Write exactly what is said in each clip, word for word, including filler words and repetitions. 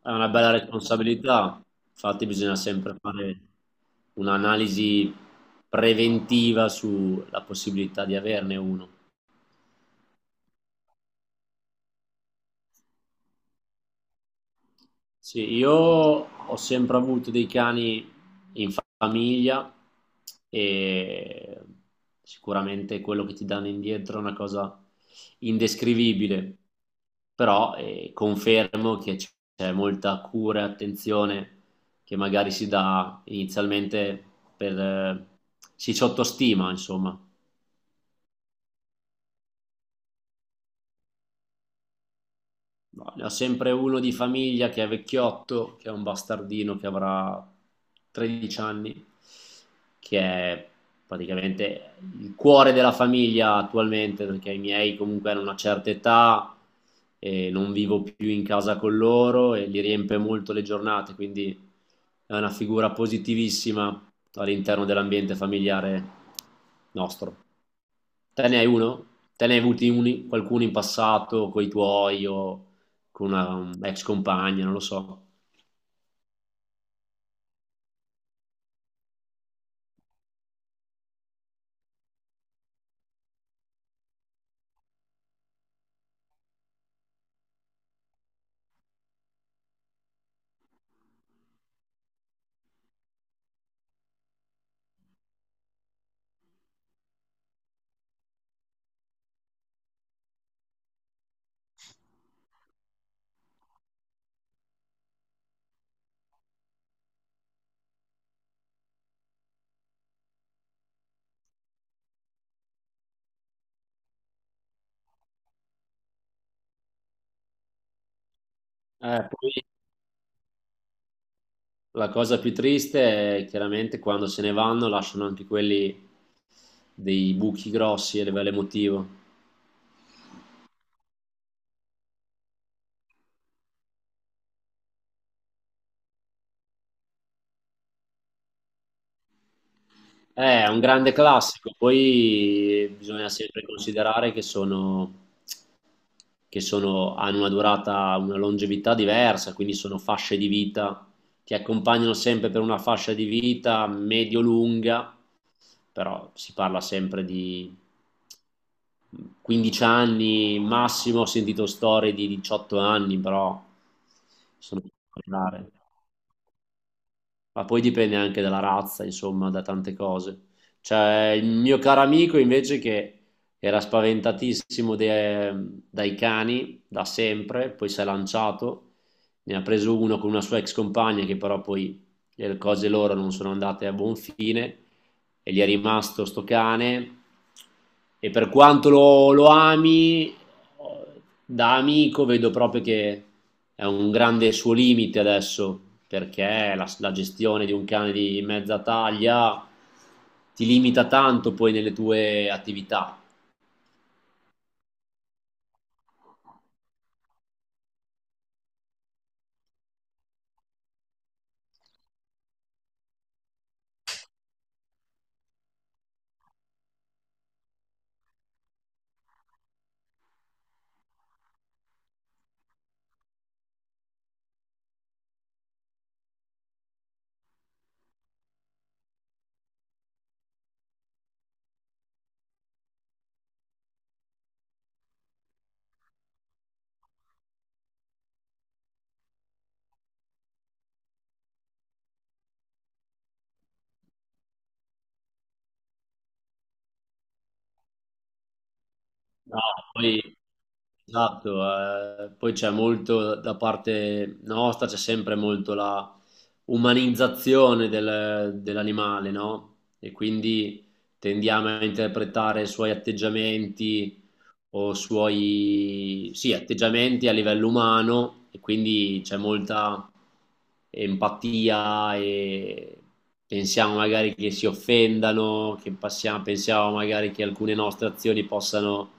È una bella responsabilità, infatti bisogna sempre fare un'analisi preventiva sulla possibilità di averne uno. Sì, io ho sempre avuto dei cani in fa- famiglia e sicuramente quello che ti danno indietro è una cosa indescrivibile, però eh, confermo che c- c'è molta cura e attenzione che magari si dà inizialmente per, eh, si sottostima, insomma. No, ne ho sempre uno di famiglia che è vecchiotto, che è un bastardino che avrà tredici anni, che è praticamente il cuore della famiglia attualmente, perché i miei comunque hanno una certa età e non vivo più in casa con loro e li riempie molto le giornate, quindi è una figura positivissima all'interno dell'ambiente familiare nostro. Te ne hai uno? Te ne hai avuti uni, qualcuno in passato con i tuoi o con una ex compagna, non lo so. Eh, poi la cosa più triste è chiaramente quando se ne vanno lasciano anche quelli dei buchi grossi a livello emotivo. Eh, È un grande classico, poi bisogna sempre considerare che sono, che sono- hanno una durata, una longevità diversa, quindi sono fasce di vita, ti accompagnano sempre per una fascia di vita medio-lunga però si parla sempre di quindici anni massimo, ho sentito storie di diciotto anni, però sono rare ma poi dipende anche dalla razza, insomma, da tante cose. Cioè, il mio caro amico invece che era spaventatissimo de- dai cani da sempre, poi si è lanciato, ne ha preso uno con una sua ex compagna che però poi le cose loro non sono andate a buon fine e gli è rimasto sto cane e per quanto lo, lo ami, da amico vedo proprio che è un grande suo limite adesso perché la, la gestione di un cane di mezza taglia ti limita tanto poi nelle tue attività. No, poi, esatto, eh, poi c'è molto da parte nostra, c'è sempre molto la umanizzazione del- dell'animale, no? E quindi tendiamo a interpretare i suoi atteggiamenti o suoi, sì, atteggiamenti a livello umano e quindi c'è molta empatia e pensiamo magari che si offendano, che passiamo- pensiamo magari che alcune nostre azioni possano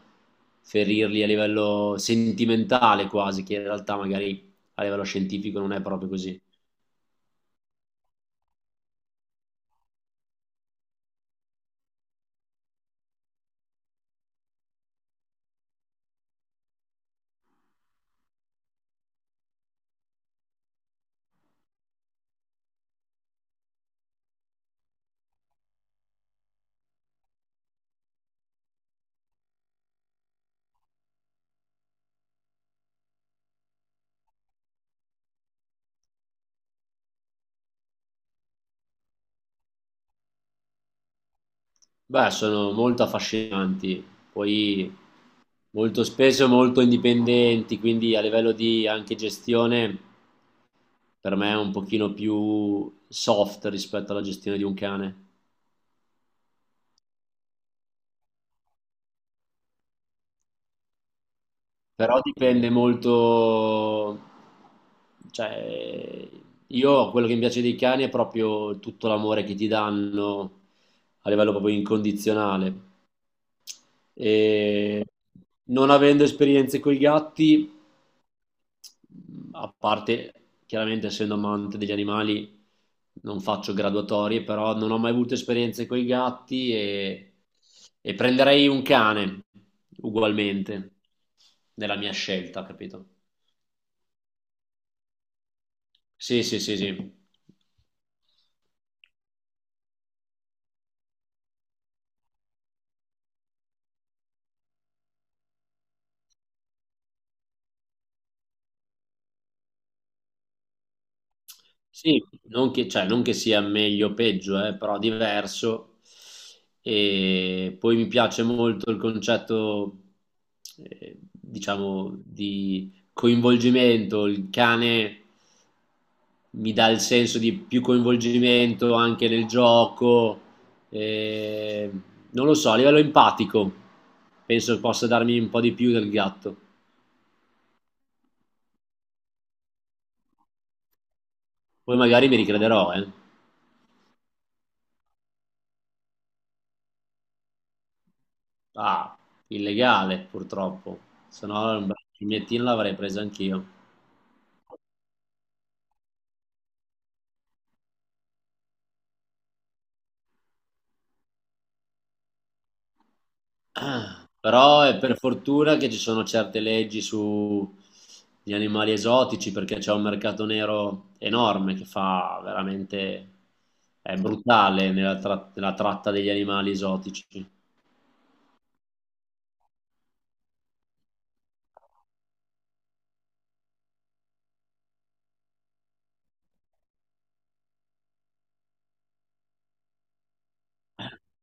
ferirli a livello sentimentale quasi, che in realtà magari a livello scientifico non è proprio così. Beh, sono molto affascinanti, poi molto spesso molto indipendenti, quindi a livello di anche gestione per me è un pochino più soft rispetto alla gestione di un cane. Però dipende molto, cioè io quello che mi piace dei cani è proprio tutto l'amore che ti danno a livello proprio incondizionale e non avendo esperienze con i gatti, a parte chiaramente essendo amante degli animali non faccio graduatorie, però non ho mai avuto esperienze con i gatti e, e prenderei un cane ugualmente nella mia scelta, capito? Sì, sì, sì, sì. Sì, non che, cioè, non che sia meglio o peggio, eh, però diverso. E poi mi piace molto il concetto, eh, diciamo, di coinvolgimento. Il cane mi dà il senso di più coinvolgimento anche nel gioco. eh, non lo so, a livello empatico penso possa darmi un po' di più del gatto. Poi magari mi ricrederò, eh. Ah, illegale purtroppo, se no un bel cignettino l'avrei preso anch'io. Però è per fortuna che ci sono certe leggi sugli animali esotici perché c'è un mercato nero enorme che fa veramente, è brutale nella, tra- nella tratta degli animali esotici.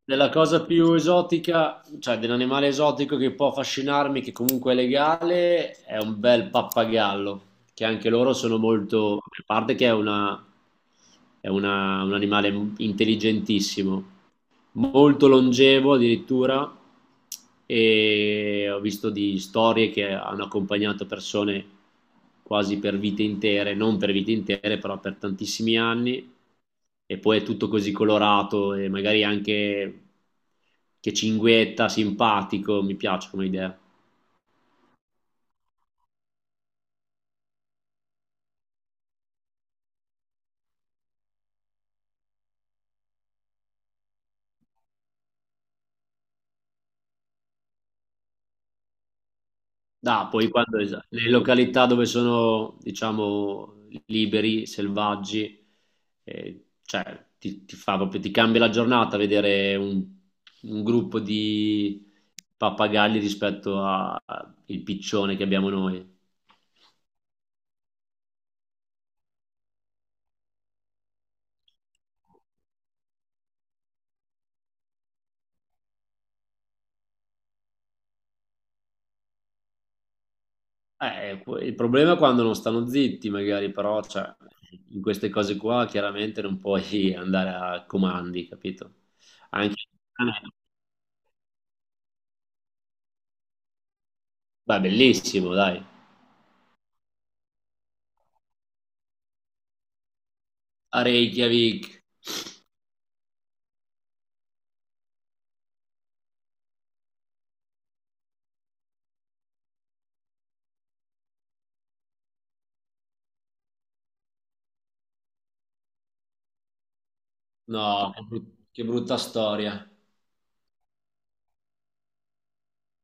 Della cosa più esotica, cioè dell'animale esotico che può affascinarmi, che comunque è legale, è un bel pappagallo, che anche loro sono molto, a parte che è una- è una- un animale intelligentissimo, molto longevo addirittura e ho visto di storie che hanno accompagnato persone quasi per vite intere, non per vite intere, però per tantissimi anni e poi è tutto così colorato e magari anche che cinguetta, simpatico, mi piace come idea. Ah, poi quando es- le località dove sono, diciamo, liberi, selvaggi, eh, cioè, ti, ti fa proprio, ti cambia la giornata vedere un, un gruppo di pappagalli rispetto al piccione che abbiamo noi. Eh, que- il problema è quando non stanno zitti, magari, però, cioè, in queste cose qua chiaramente non puoi andare a comandi, capito? Anche, ah, no, beh, bellissimo, dai. A Reykjavik. No, che brut- che brutta storia.